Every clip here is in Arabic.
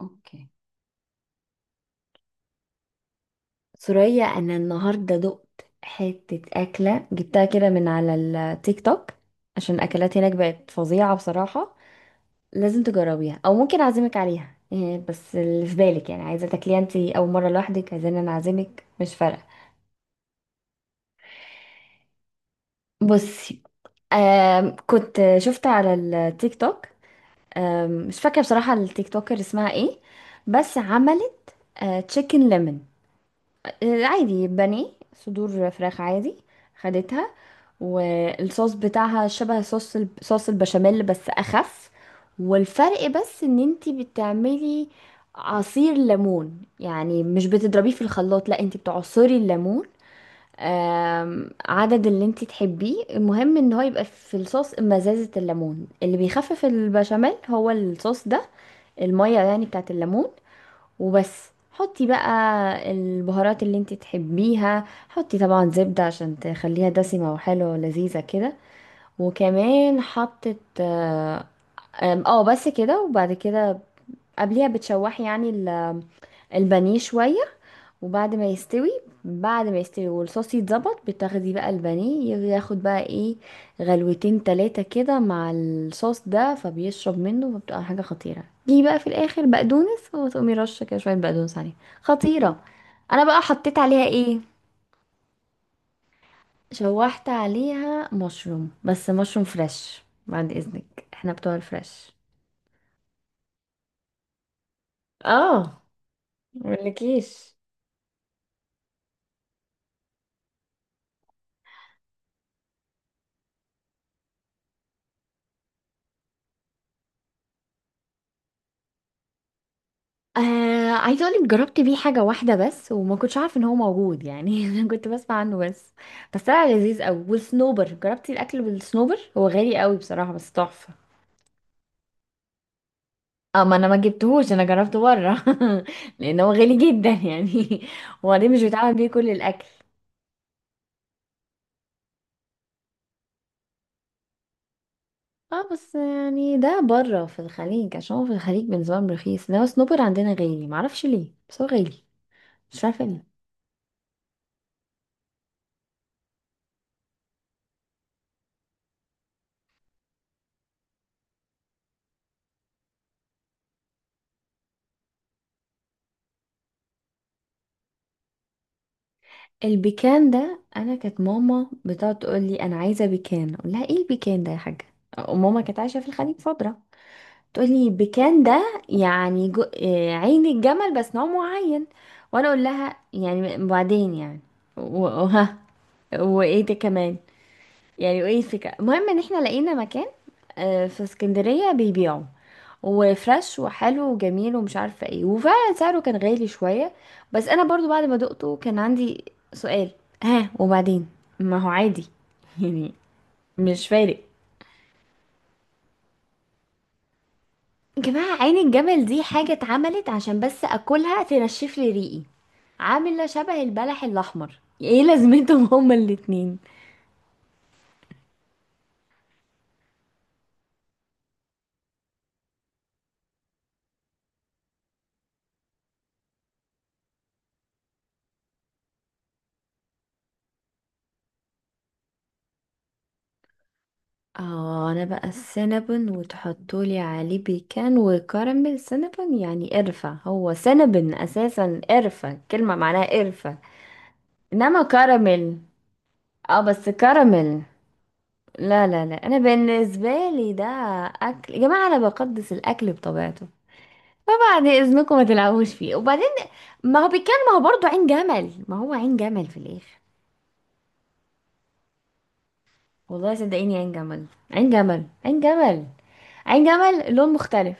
اوكي. سوريا انا النهارده دقت حته اكله، جبتها كده من على التيك توك. عشان الاكلات هناك بقت فظيعه بصراحه. لازم تجربيها، او ممكن اعزمك عليها. إيه بس اللي في بالك؟ يعني عايزه تاكليها انت اول مره لوحدك، عايزين انا اعزمك؟ مش فارقه. بصي، كنت شفت على التيك توك. مش فاكره بصراحه التيك توكر اسمها ايه، بس عملت تشيكن ليمون عادي. بانيه صدور فراخ عادي، خدتها، والصوص بتاعها شبه صوص صوص البشاميل بس اخف. والفرق بس ان انتي بتعملي عصير ليمون، يعني مش بتضربيه في الخلاط، لا انتي بتعصري الليمون. عدد اللي انتي تحبيه، المهم ان هو يبقى في الصوص مزازة الليمون اللي بيخفف البشاميل، هو الصوص ده المية يعني بتاعت الليمون. وبس حطي بقى البهارات اللي انتي تحبيها، حطي طبعا زبدة عشان تخليها دسمة وحلوة ولذيذة كده. وكمان حطت اه، آم، آه، بس كده. وبعد كده قبليها بتشوحي يعني البانيه شوية، وبعد ما يستوي، بعد ما يستوي والصوص يتظبط، بتاخدي بقى البانيه، ياخد بقى ايه غلوتين تلاتة كده مع الصوص ده فبيشرب منه، فبتبقى حاجة خطيرة. دي بقى في الآخر بقدونس، وتقومي رشة كده شوية بقدونس عليها. خطيرة. أنا بقى حطيت عليها ايه؟ شوحت عليها مشروم، بس مشروم فريش، بعد إذنك احنا بتوع الفريش. اه، مقولكيش، آه عايزه اقولك جربت بيه حاجه واحده بس، وما كنتش عارفه ان هو موجود يعني انا كنت بسمع عنه بس. بس طلع لذيذ قوي. والصنوبر جربتي الاكل بالصنوبر؟ هو غالي قوي بصراحه بس تحفه. اه، ما انا ما جبتهوش، انا جربته بره لان هو غالي جدا يعني وبعدين مش بيتعمل بيه كل الاكل. اه بس يعني ده بره في الخليج، عشان هو في الخليج بالنسبه لهم رخيص، انما الصنوبر عندنا غالي، معرفش ليه بس هو غالي. مش عارفه ليه. البيكان ده انا كانت ماما بتقعد تقول لي انا عايزه بيكان، اقول لها ايه البيكان ده يا حاجه. وماما كانت عايشه في الخليج فتره، تقول لي بيكان ده يعني جو... آه، عين الجمل بس نوع معين. وانا اقول لها يعني وبعدين يعني وها وايه ده كمان؟ يعني وايه الفكرة؟ المهم ان احنا لقينا مكان في اسكندرية بيبيعوا، وفريش وحلو وجميل ومش عارفة ايه، وفعلا سعره كان غالي شوية. بس انا برضو بعد ما دقته كان عندي سؤال، ها وبعدين؟ ما هو عادي يعني مش فارق. يا جماعة عين الجمل دي حاجة اتعملت عشان بس اكلها تنشف لي ريقي، عاملة شبه البلح الاحمر، ايه لازمتهم هما الاتنين؟ اه انا بقى السينابون وتحطولي عليه بيكان وكراميل؟ سينابون يعني قرفة، هو سينابون اساسا قرفة، كلمة معناها قرفة. انما كراميل، اه بس كراميل. لا لا لا، انا بالنسبة لي ده اكل. يا جماعة انا بقدس الاكل بطبيعته، فبعد اذنكم ما تلعبوش فيه. وبعدين ما هو بيكان، ما هو برضه عين جمل، ما هو عين جمل في الاخر. والله صدقيني عين جمل، عين جمل عين جمل. عين جمل لون مختلف.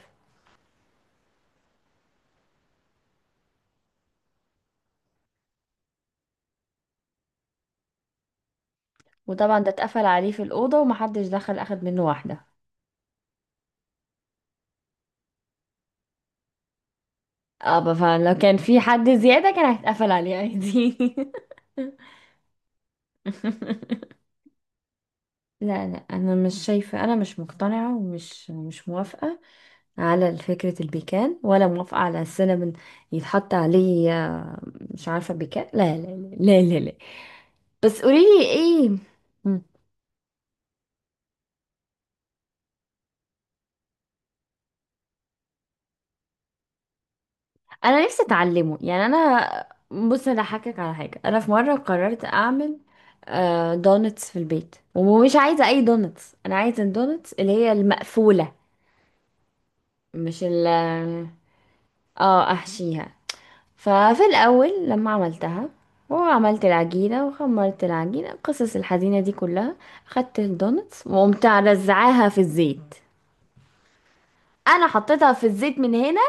وطبعا ده اتقفل عليه في الأوضة ومحدش دخل أخد منه واحدة. اه، فلو كان في حد زيادة كان هيتقفل عليه عادي لا لا، انا مش شايفه، انا مش مقتنعه ومش مش موافقه على فكره البيكان، ولا موافقه على السينابون يتحط عليه مش عارفه بيكان. لا لا لا لا لا، لا. بس قولي لي ايه؟ انا نفسي اتعلمه. يعني انا بص، انا هحكك على حاجه. انا في مره قررت اعمل دونتس في البيت، ومش عايزه اي دونتس، انا عايزه الدونتس اللي هي المقفوله، مش ال، اه احشيها. ففي الاول لما عملتها وعملت العجينه وخمرت العجينه القصص الحزينه دي كلها، خدت الدونتس وقمت رزعاها في الزيت. انا حطيتها في الزيت من هنا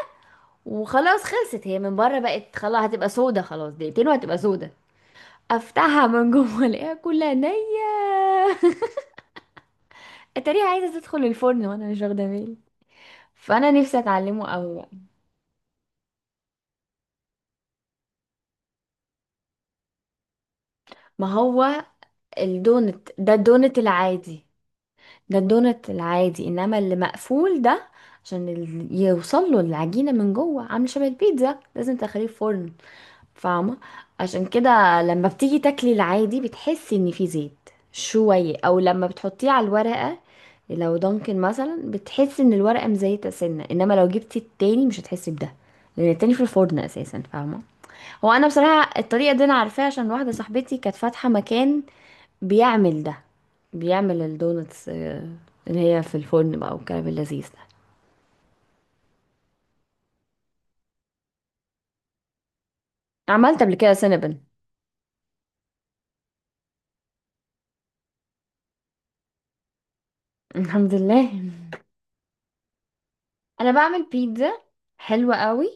وخلاص، خلصت هي من بره بقت خلاص، هتبقى سودة خلاص، دقيقتين وهتبقى سودة. افتحها من جوه الاقيها كلها نية اتاريها عايزة تدخل الفرن وانا مش واخدة بالي. فانا نفسي اتعلمه قوي بقى. ما هو الدونت ده الدونت العادي، ده الدونت العادي، انما اللي مقفول ده عشان يوصل له العجينة من جوه، عامل شبه البيتزا، لازم تخليه في فرن، فاهمة؟ عشان كده لما بتيجي تاكلي العادي بتحسي ان في زيت شوية، او لما بتحطيه على الورقة لو دانكن مثلا بتحسي ان الورقة مزيتة سنة، انما لو جبتي التاني مش هتحسي بده، لان التاني في الفرن اساسا، فاهمة؟ هو انا بصراحة الطريقة دي انا عارفاها عشان واحدة صاحبتي كانت فاتحة مكان بيعمل ده، بيعمل الدونتس اللي هي في الفرن بقى والكلام اللذيذ ده. عملت قبل كده سينابن الحمد لله. انا بعمل بيتزا حلوة قوي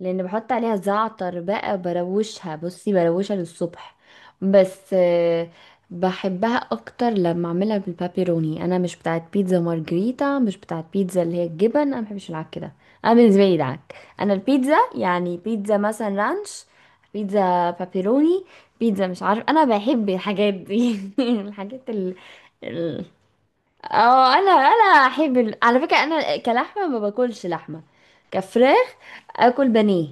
لان بحط عليها زعتر بقى، بروشها بصي بروشها للصبح، بس بحبها اكتر لما اعملها بالبابيروني. انا مش بتاعت بيتزا مارجريتا، مش بتاعت بيتزا اللي هي الجبن، انا مبحبش العك ده، انا بالنسبه لي دعك. انا البيتزا يعني بيتزا مثلا رانش، بيتزا بابيروني، بيتزا مش عارف، انا بحب الحاجات دي اه انا انا احب على فكره انا كلحمه ما باكلش لحمه، كفراخ اكل بانيه،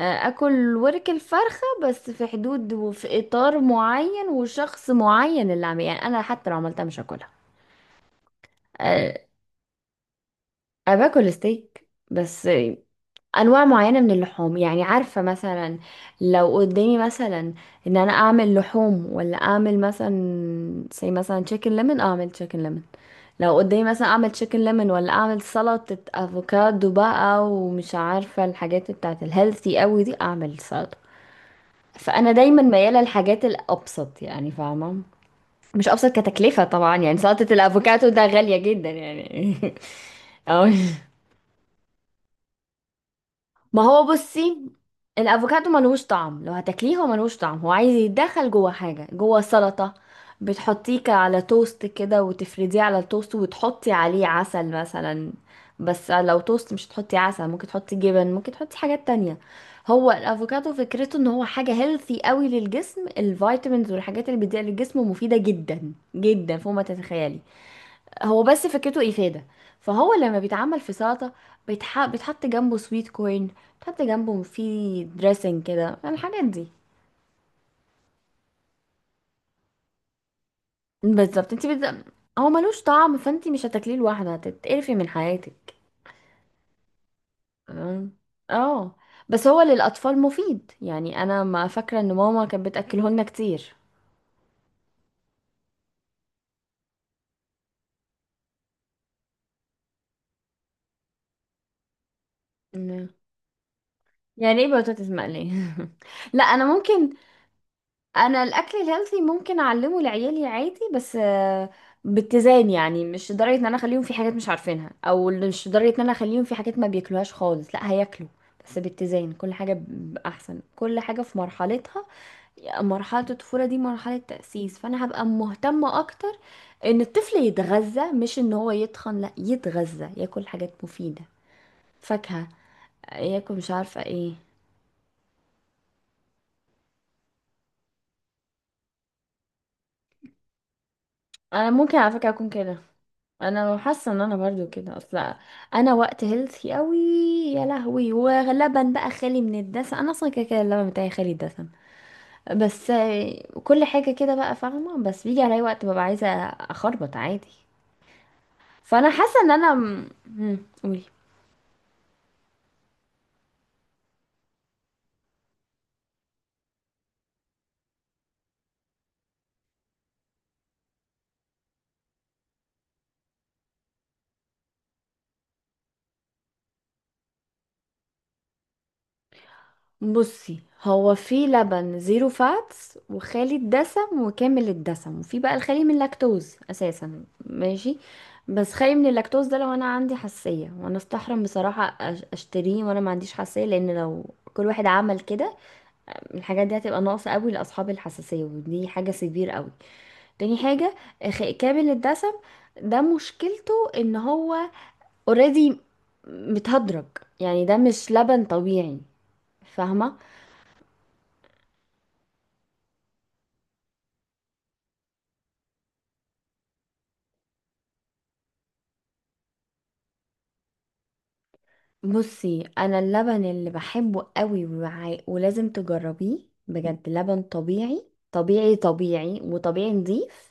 اكل ورك الفرخه بس في حدود وفي اطار معين وشخص معين اللي عامل، يعني انا حتى لو عملتها مش هاكلها. آه، انا باكل ستيك بس انواع معينه من اللحوم. يعني عارفه مثلا لو قدامي مثلا ان انا اعمل لحوم ولا اعمل مثلا زي مثلا تشيكن ليمون، اعمل تشيكن ليمون. لو قدامي مثلا اعمل تشيكن ليمون ولا اعمل سلطة افوكادو بقى ومش عارفة الحاجات بتاعت الهيلثي قوي دي، اعمل سلطة. فانا دايما ميالة للحاجات الابسط، يعني فاهمة؟ مش ابسط كتكلفة طبعا، يعني سلطة الافوكادو ده غالية جدا يعني اه ما هو بصي، الافوكادو ملهوش طعم. لو هتاكليه هو ملهوش طعم، هو عايز يتدخل جوه حاجه، جوه سلطه، بتحطيه على توست كده وتفرديه على التوست وتحطي عليه عسل مثلا. بس لو توست مش تحطي عسل، ممكن تحطي جبن، ممكن تحطي حاجات تانية. هو الافوكادو فكرته ان هو حاجه هيلثي قوي للجسم، الفيتامينز والحاجات اللي بتديها للجسم مفيده جدا جدا فوق ما تتخيلي، هو بس فكرته إفادة. فهو لما بيتعمل في سلطة بيتحط جنبه سويت كورن، بيتحط جنبه في دريسنج كده، يعني الحاجات دي. بالظبط انت هو ملوش طعم، فانت مش هتاكليه لوحده هتتقرفي من حياتك. تمام؟ اه بس هو للأطفال مفيد، يعني أنا ما فاكرة إن ماما كانت بتأكله لنا كتير. مم. يعني ايه بطاطس مقلية لا أنا ممكن، انا الاكل الهيلثي ممكن اعلمه لعيالي عادي، بس باتزان، يعني مش لدرجه ان انا اخليهم في حاجات مش عارفينها، او مش لدرجه ان انا اخليهم في حاجات ما بياكلوهاش خالص، لا هياكلوا بس باتزان. كل حاجه احسن كل حاجه في مرحلتها. مرحله الطفوله دي مرحله تاسيس، فانا هبقى مهتمه اكتر ان الطفل يتغذى، مش ان هو يتخن، لا يتغذى، ياكل حاجات مفيده، فاكهه، ياكل مش عارفه ايه. انا ممكن على فكره اكون كده، انا حاسه ان انا برضو كده اصلا. انا وقت هيلثي قوي يا لهوي، ولبن بقى خالي من الدسم، انا اصلا كده كده اللبن بتاعي خالي الدسم، بس كل حاجه كده بقى فاهمه، بس بيجي عليا وقت ببقى عايزه اخربط عادي. فانا حاسه ان انا قولي. بصي هو في لبن زيرو فاتس، وخالي الدسم، وكامل الدسم، وفي بقى الخالي من اللاكتوز اساسا، ماشي؟ بس خالي من اللاكتوز ده لو انا عندي حساسيه، وانا استحرم بصراحه اشتريه وانا ما عنديش حساسيه، لان لو كل واحد عمل كده الحاجات دي هتبقى ناقصه قوي لاصحاب الحساسيه، ودي حاجه سيفير قوي. تاني حاجه، كامل الدسم ده مشكلته ان هو اوريدي متهدرج، يعني ده مش لبن طبيعي، فاهمه؟ بصي انا اللبن اللي بحبه قوي ولازم تجربيه، بجد لبن طبيعي، طبيعي طبيعي وطبيعي نظيف،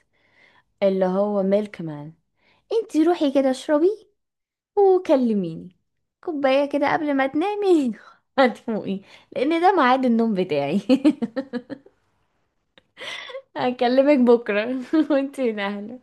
اللي هو ميلك مان. انتي روحي كده اشربي وكلميني، كوباية كده قبل ما تنامي هتفوقي. لان ده ميعاد النوم بتاعي هكلمك بكرة وانتي نهلة.